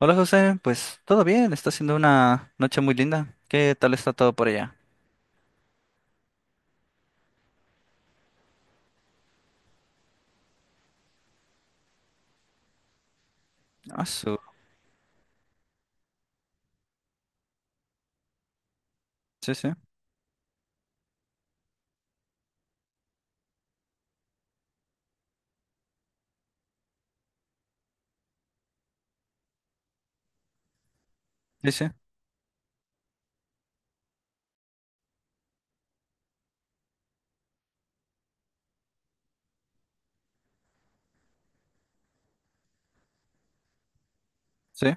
Hola José, pues todo bien, está siendo una noche muy linda. ¿Qué tal está todo por allá? Ah, su- Sí, sí, sí, sí, sí,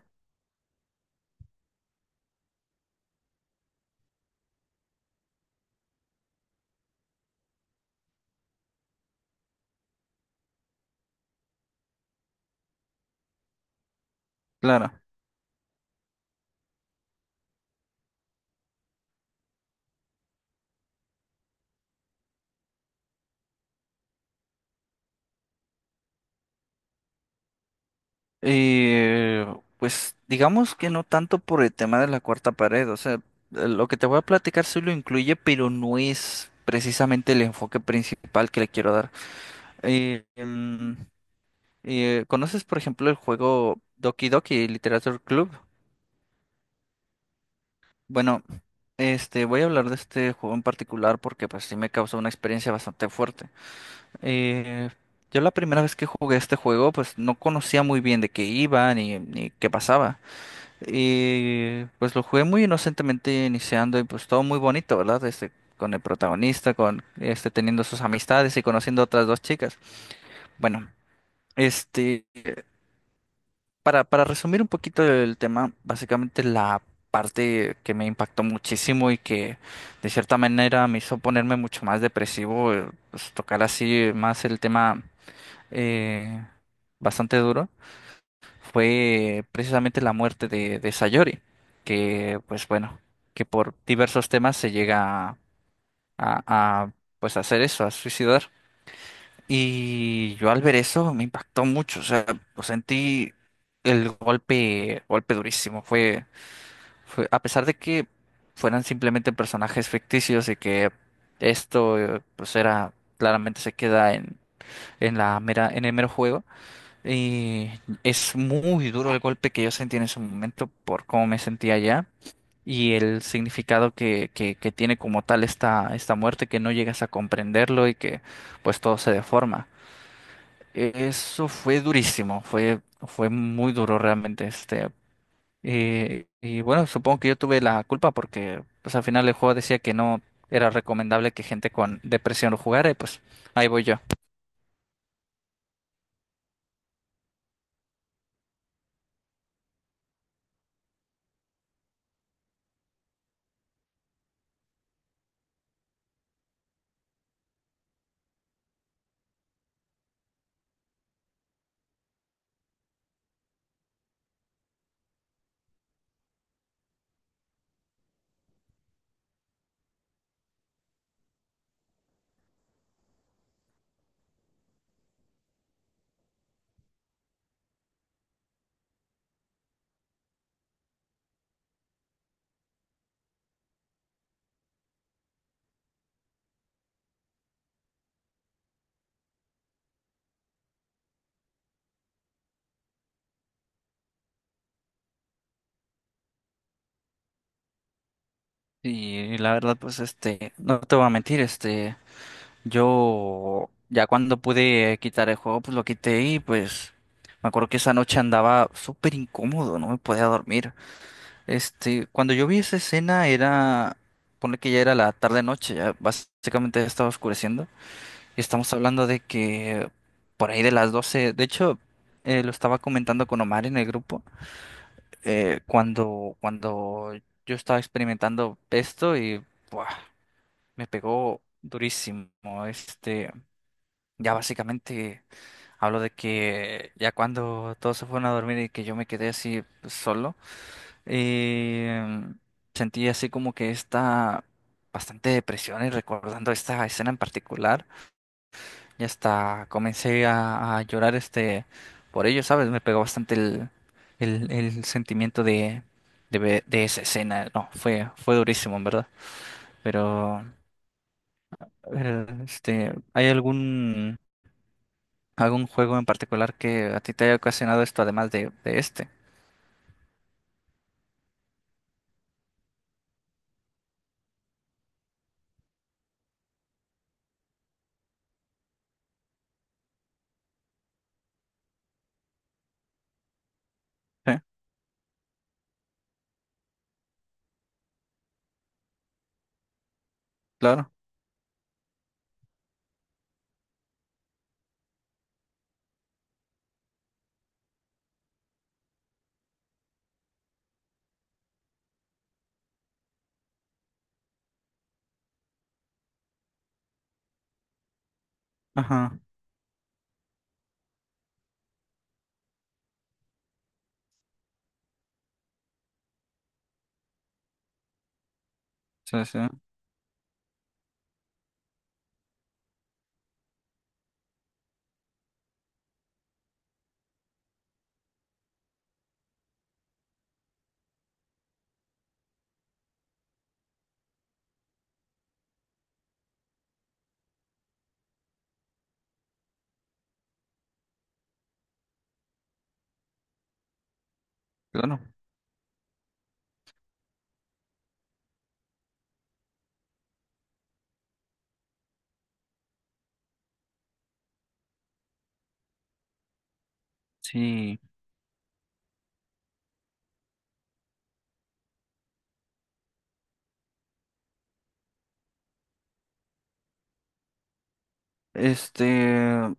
claro. Y pues digamos que no tanto por el tema de la cuarta pared, o sea, lo que te voy a platicar sí lo incluye, pero no es precisamente el enfoque principal que le quiero dar. Eh, em, ¿Conoces, por ejemplo, el juego Doki Doki Literature Club? Bueno, este, voy a hablar de este juego en particular porque pues sí me causó una experiencia bastante fuerte. Eh, yo la primera vez que jugué este juego, pues no conocía muy bien de qué iba ni qué pasaba. Y pues lo jugué muy inocentemente iniciando y pues todo muy bonito, ¿verdad? Este, con el protagonista, con este teniendo sus amistades y conociendo a otras dos chicas. Bueno, este, para resumir un poquito el tema, básicamente la parte que me impactó muchísimo y que de cierta manera me hizo ponerme mucho más depresivo, pues tocar así más el tema eh, bastante duro fue precisamente la muerte de Sayori, que pues bueno, que por diversos temas se llega a, pues hacer eso, a suicidar. Y yo al ver eso me impactó mucho, o sea, pues, sentí el golpe durísimo. A pesar de que fueran simplemente personajes ficticios y que esto pues era, claramente se queda en la mera, en el mero juego. Y es muy duro el golpe que yo sentí en ese momento por cómo me sentía allá y el significado que tiene como tal esta muerte, que no llegas a comprenderlo y que pues todo se deforma. Eso fue durísimo, fue muy duro realmente este. Y bueno, supongo que yo tuve la culpa porque pues al final el juego decía que no era recomendable que gente con depresión lo jugara y pues ahí voy yo. Y la verdad pues este, no te voy a mentir, este... Yo ya cuando pude quitar el juego, pues lo quité y pues me acuerdo que esa noche andaba súper incómodo, no me podía dormir. Este, cuando yo vi esa escena era, pone que ya era la tarde noche, ya básicamente ya estaba oscureciendo. Y estamos hablando de que por ahí de las 12 de hecho, lo estaba comentando con Omar en el grupo, cuando yo estaba experimentando esto y buah, me pegó durísimo. Este. Ya básicamente hablo de que ya cuando todos se fueron a dormir y que yo me quedé así pues, solo, eh, sentí así como que esta bastante depresión y recordando esta escena en particular, y hasta comencé a llorar este por ello, ¿sabes? Me pegó bastante el sentimiento de esa escena. No, fue durísimo, en verdad. Pero, este, ¿hay algún ¿algún juego en particular que a ti te haya ocasionado esto además de este? Sí, claro. Ajá. Sí, sí. Claro. Sí. Este,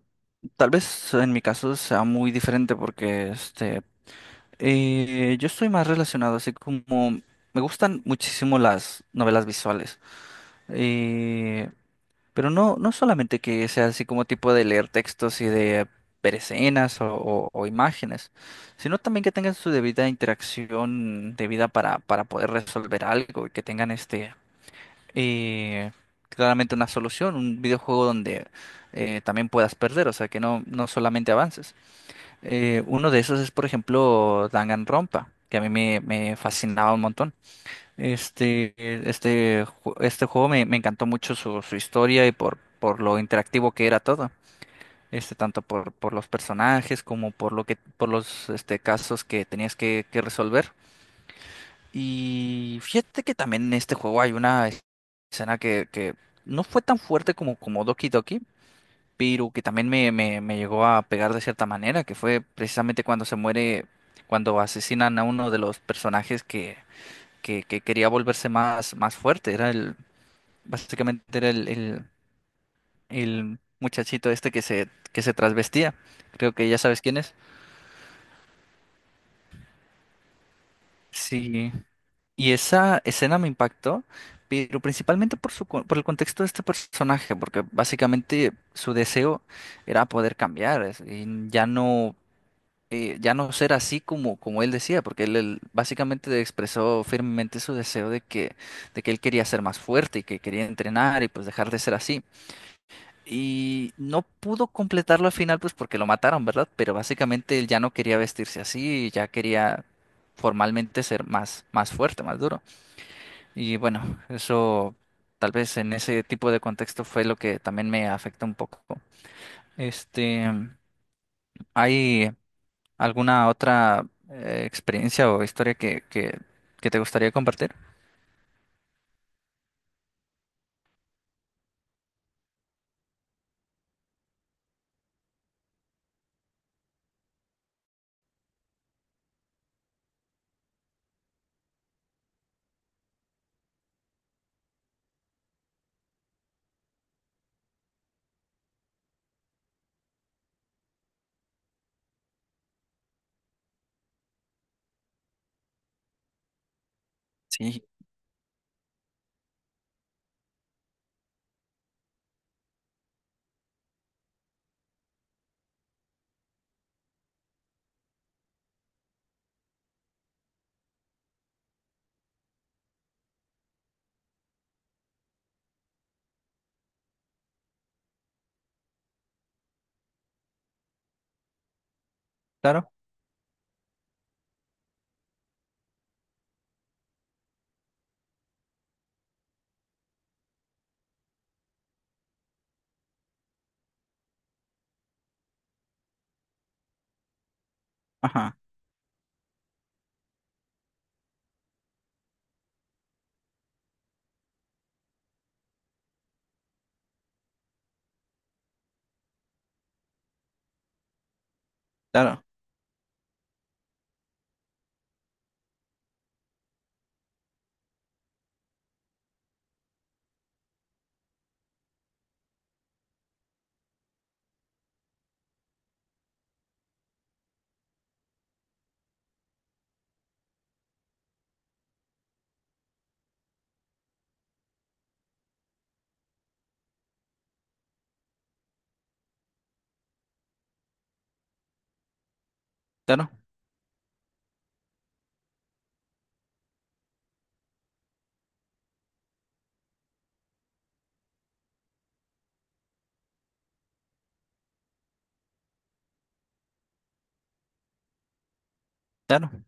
tal vez en mi caso sea muy diferente porque este, yo estoy más relacionado así como me gustan muchísimo las novelas visuales. Eh, Pero no, no solamente que sea así como tipo de leer textos y de ver escenas o imágenes, sino también que tengan su debida interacción debida para poder resolver algo y que tengan este eh, claramente una solución, un videojuego donde también puedas perder, o sea que no, no solamente avances. Uno de esos es, por ejemplo, Danganronpa, que a mí me fascinaba un montón. Este juego me encantó mucho su, su historia y por lo interactivo que era todo. Este, tanto por los personajes como por lo que, por los este, casos que tenías que resolver. Y fíjate que también en este juego hay una escena que no fue tan fuerte como, como Doki Doki, pero que también me llegó a pegar de cierta manera, que fue precisamente cuando se muere, cuando asesinan a uno de los personajes que que quería volverse más, más fuerte. Era el, básicamente era el muchachito este que se trasvestía. Creo que ya sabes quién es. Sí. Y esa escena me impactó, pero principalmente por su, por el contexto de este personaje, porque básicamente su deseo era poder cambiar y ya no, ya no ser así como, como él decía, porque él básicamente expresó firmemente su deseo de que él quería ser más fuerte y que quería entrenar y pues dejar de ser así. Y no pudo completarlo al final, pues porque lo mataron, ¿verdad? Pero básicamente él ya no quería vestirse así, ya quería formalmente ser más, más fuerte, más duro. Y bueno, eso tal vez en ese tipo de contexto fue lo que también me afectó un poco. Este, ¿hay alguna otra experiencia o historia que te gustaría compartir? Sí, claro. Ajá, claro, claro, claro,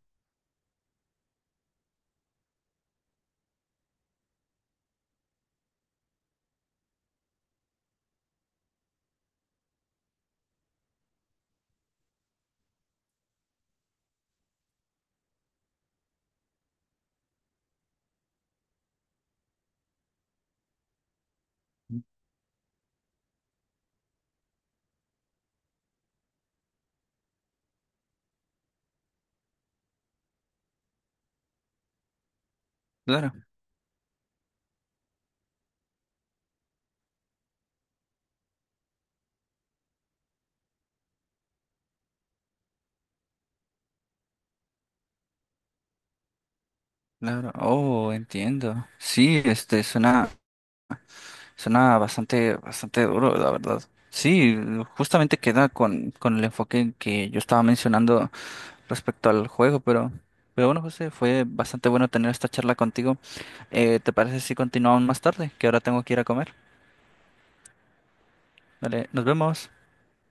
claro, claro. Oh, entiendo. Sí, este, suena. Suena bastante, bastante duro, la verdad. Sí, justamente queda con el enfoque que yo estaba mencionando respecto al juego, pero bueno, José, fue bastante bueno tener esta charla contigo. ¿Te parece si continuamos más tarde? Que ahora tengo que ir a comer. Vale, nos vemos.